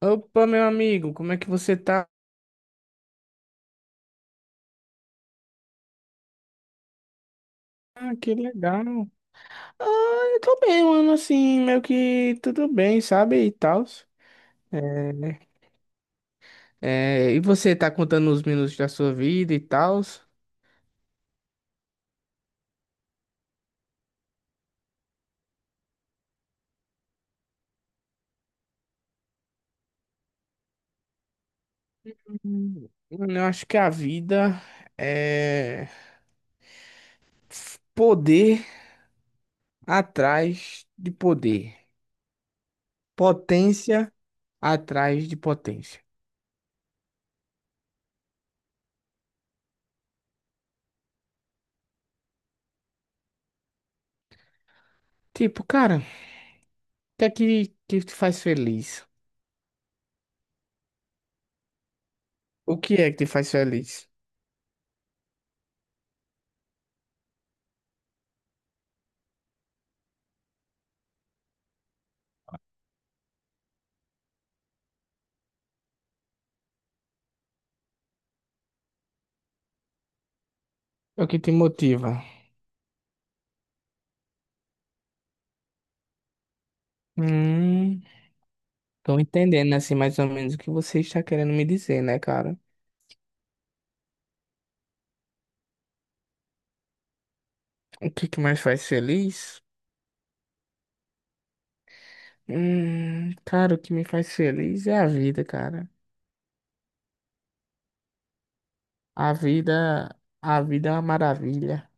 Opa, meu amigo, como é que você tá? Ah, que legal. Ah, eu tô bem, mano, assim, meio que tudo bem, sabe? E tal. E você tá contando os minutos da sua vida e tal? Eu acho que a vida é poder atrás de poder, potência atrás de potência. Tipo, cara, o que te faz feliz? O que é que te faz feliz? É o que te motiva? Hum. Tô entendendo, assim, mais ou menos o que você está querendo me dizer, né, cara? O que que mais faz feliz? Cara, o que me faz feliz é a vida, cara. A vida, a vida é uma maravilha.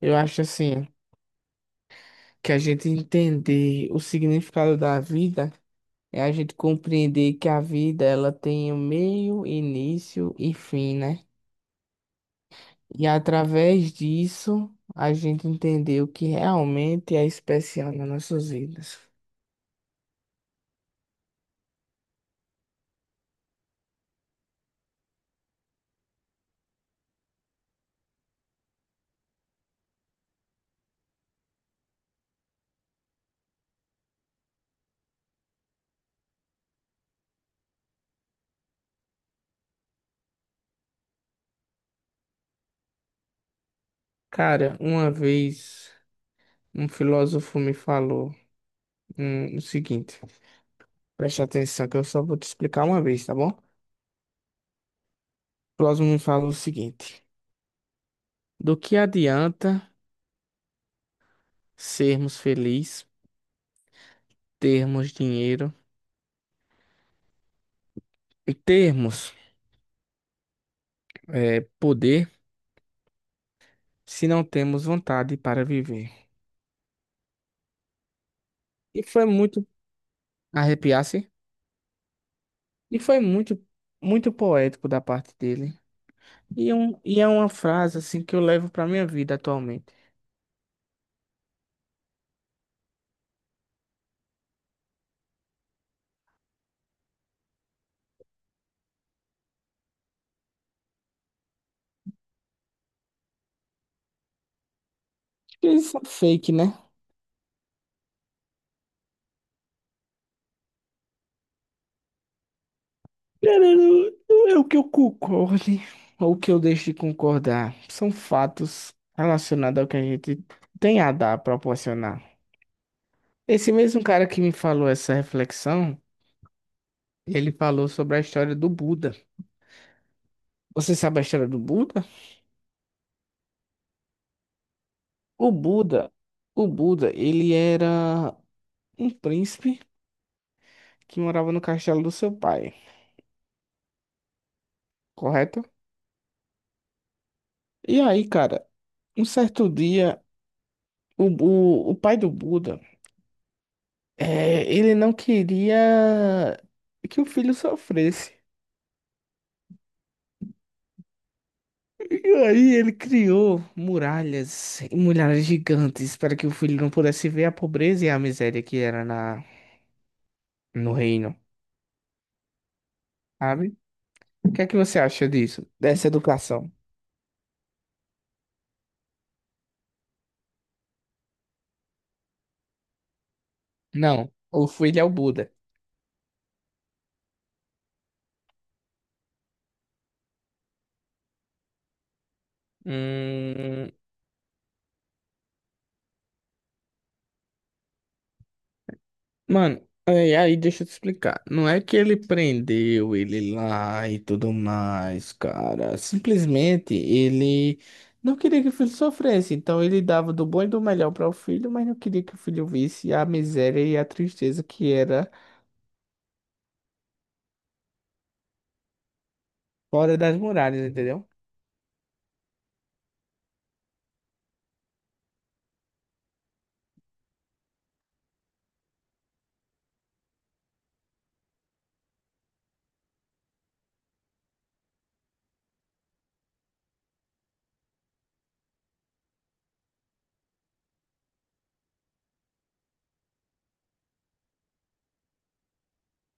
Eu acho assim, que a gente entender o significado da vida é a gente compreender que a vida ela tem um meio, início e fim, né? E através disso, a gente entender o que realmente é especial nas nossas vidas. Cara, uma vez um filósofo me falou o seguinte: preste atenção que eu só vou te explicar uma vez, tá bom? O filósofo me falou o seguinte: do que adianta sermos felizes, termos dinheiro e termos poder, se não temos vontade para viver? E foi muito arrepiar-se, e foi muito, muito poético da parte dele. E, e é uma frase assim que eu levo para minha vida atualmente. Acho que isso é fake, né? Cara, não é o que eu concorde ou o que eu deixo de concordar. São fatos relacionados ao que a gente tem a dar, a proporcionar. Esse mesmo cara que me falou essa reflexão, ele falou sobre a história do Buda. Você sabe a história do Buda? O Buda, ele era um príncipe que morava no castelo do seu pai, correto? E aí, cara, um certo dia, o pai do Buda, é, ele não queria que o filho sofresse. E aí ele criou muralhas, e muralhas gigantes para que o filho não pudesse ver a pobreza e a miséria que era no reino, sabe? O que é que você acha disso? Dessa educação? Não, o filho é o Buda. Hum. Mano, aí deixa eu te explicar. Não é que ele prendeu ele lá e tudo mais, cara. Simplesmente ele não queria que o filho sofresse. Então ele dava do bom e do melhor para o filho, mas não queria que o filho visse a miséria e a tristeza que era fora das muralhas, entendeu?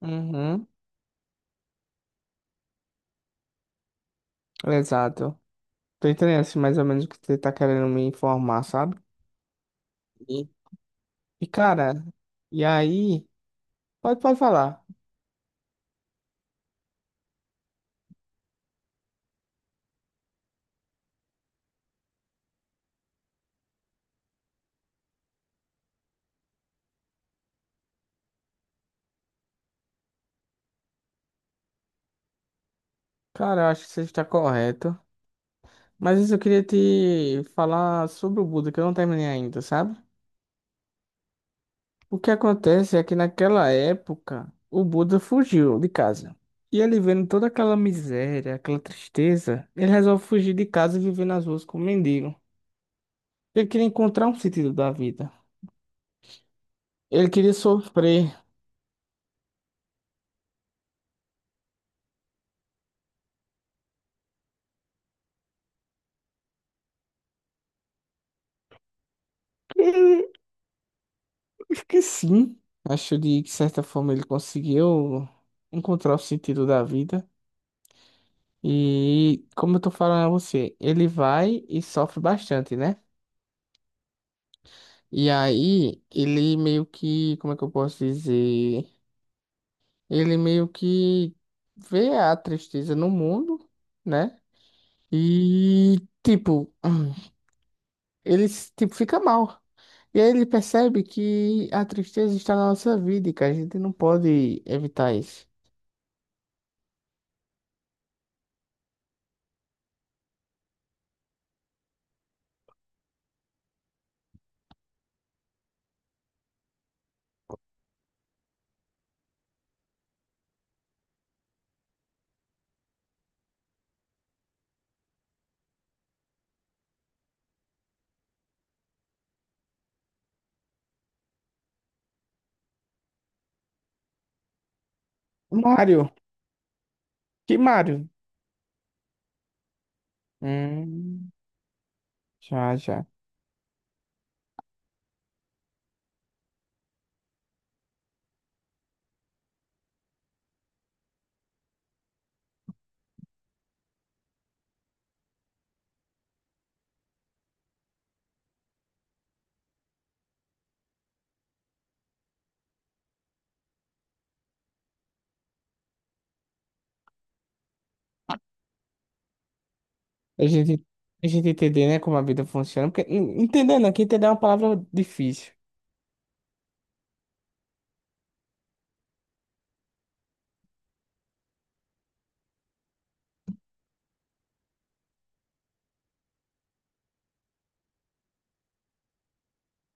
Uhum, exato. Tô entendendo assim, mais ou menos o que você tá querendo me informar, sabe? E, cara, e aí? Pode falar. Cara, eu acho que você está correto. Mas isso eu queria te falar sobre o Buda, que eu não terminei ainda, sabe? O que acontece é que naquela época o Buda fugiu de casa. E ele vendo toda aquela miséria, aquela tristeza, ele resolve fugir de casa e viver nas ruas como mendigo. Ele queria encontrar um sentido da vida. Ele queria sofrer. E que sim, acho de que certa forma ele conseguiu encontrar o sentido da vida. E como eu tô falando a você, ele vai e sofre bastante, né? E aí, ele meio que, como é que eu posso dizer? Ele meio que vê a tristeza no mundo, né? E, tipo, ele, tipo, fica mal. E aí ele percebe que a tristeza está na nossa vida e que a gente não pode evitar isso. Mário, que Mário? Hum, já, já. A gente, a gente entender, né, como a vida funciona. Porque, entender, não, que entender é uma palavra difícil.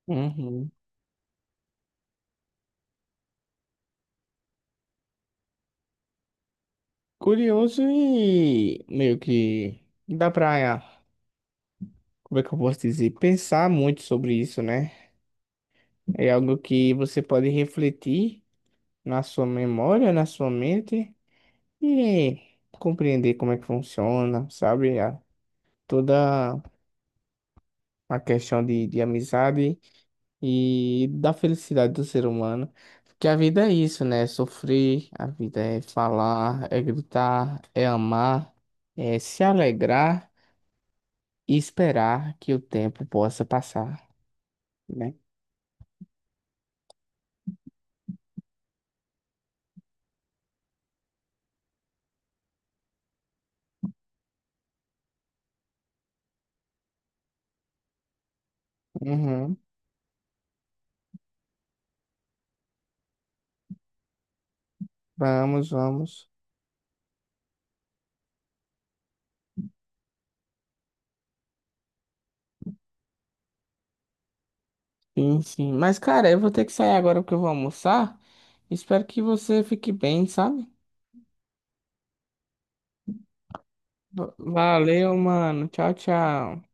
Uhum. Curioso e meio que dá pra, como é que eu posso dizer, pensar muito sobre isso, né? É algo que você pode refletir na sua memória, na sua mente e compreender como é que funciona, sabe? A toda a questão de amizade e da felicidade do ser humano. Porque a vida é isso, né? É sofrer, a vida é falar, é gritar, é amar, é se alegrar. E esperar que o tempo possa passar, né? Uhum. Vamos, vamos. Sim, sim. Mas, cara, eu vou ter que sair agora porque eu vou almoçar. Espero que você fique bem, sabe? Valeu, mano. Tchau, tchau.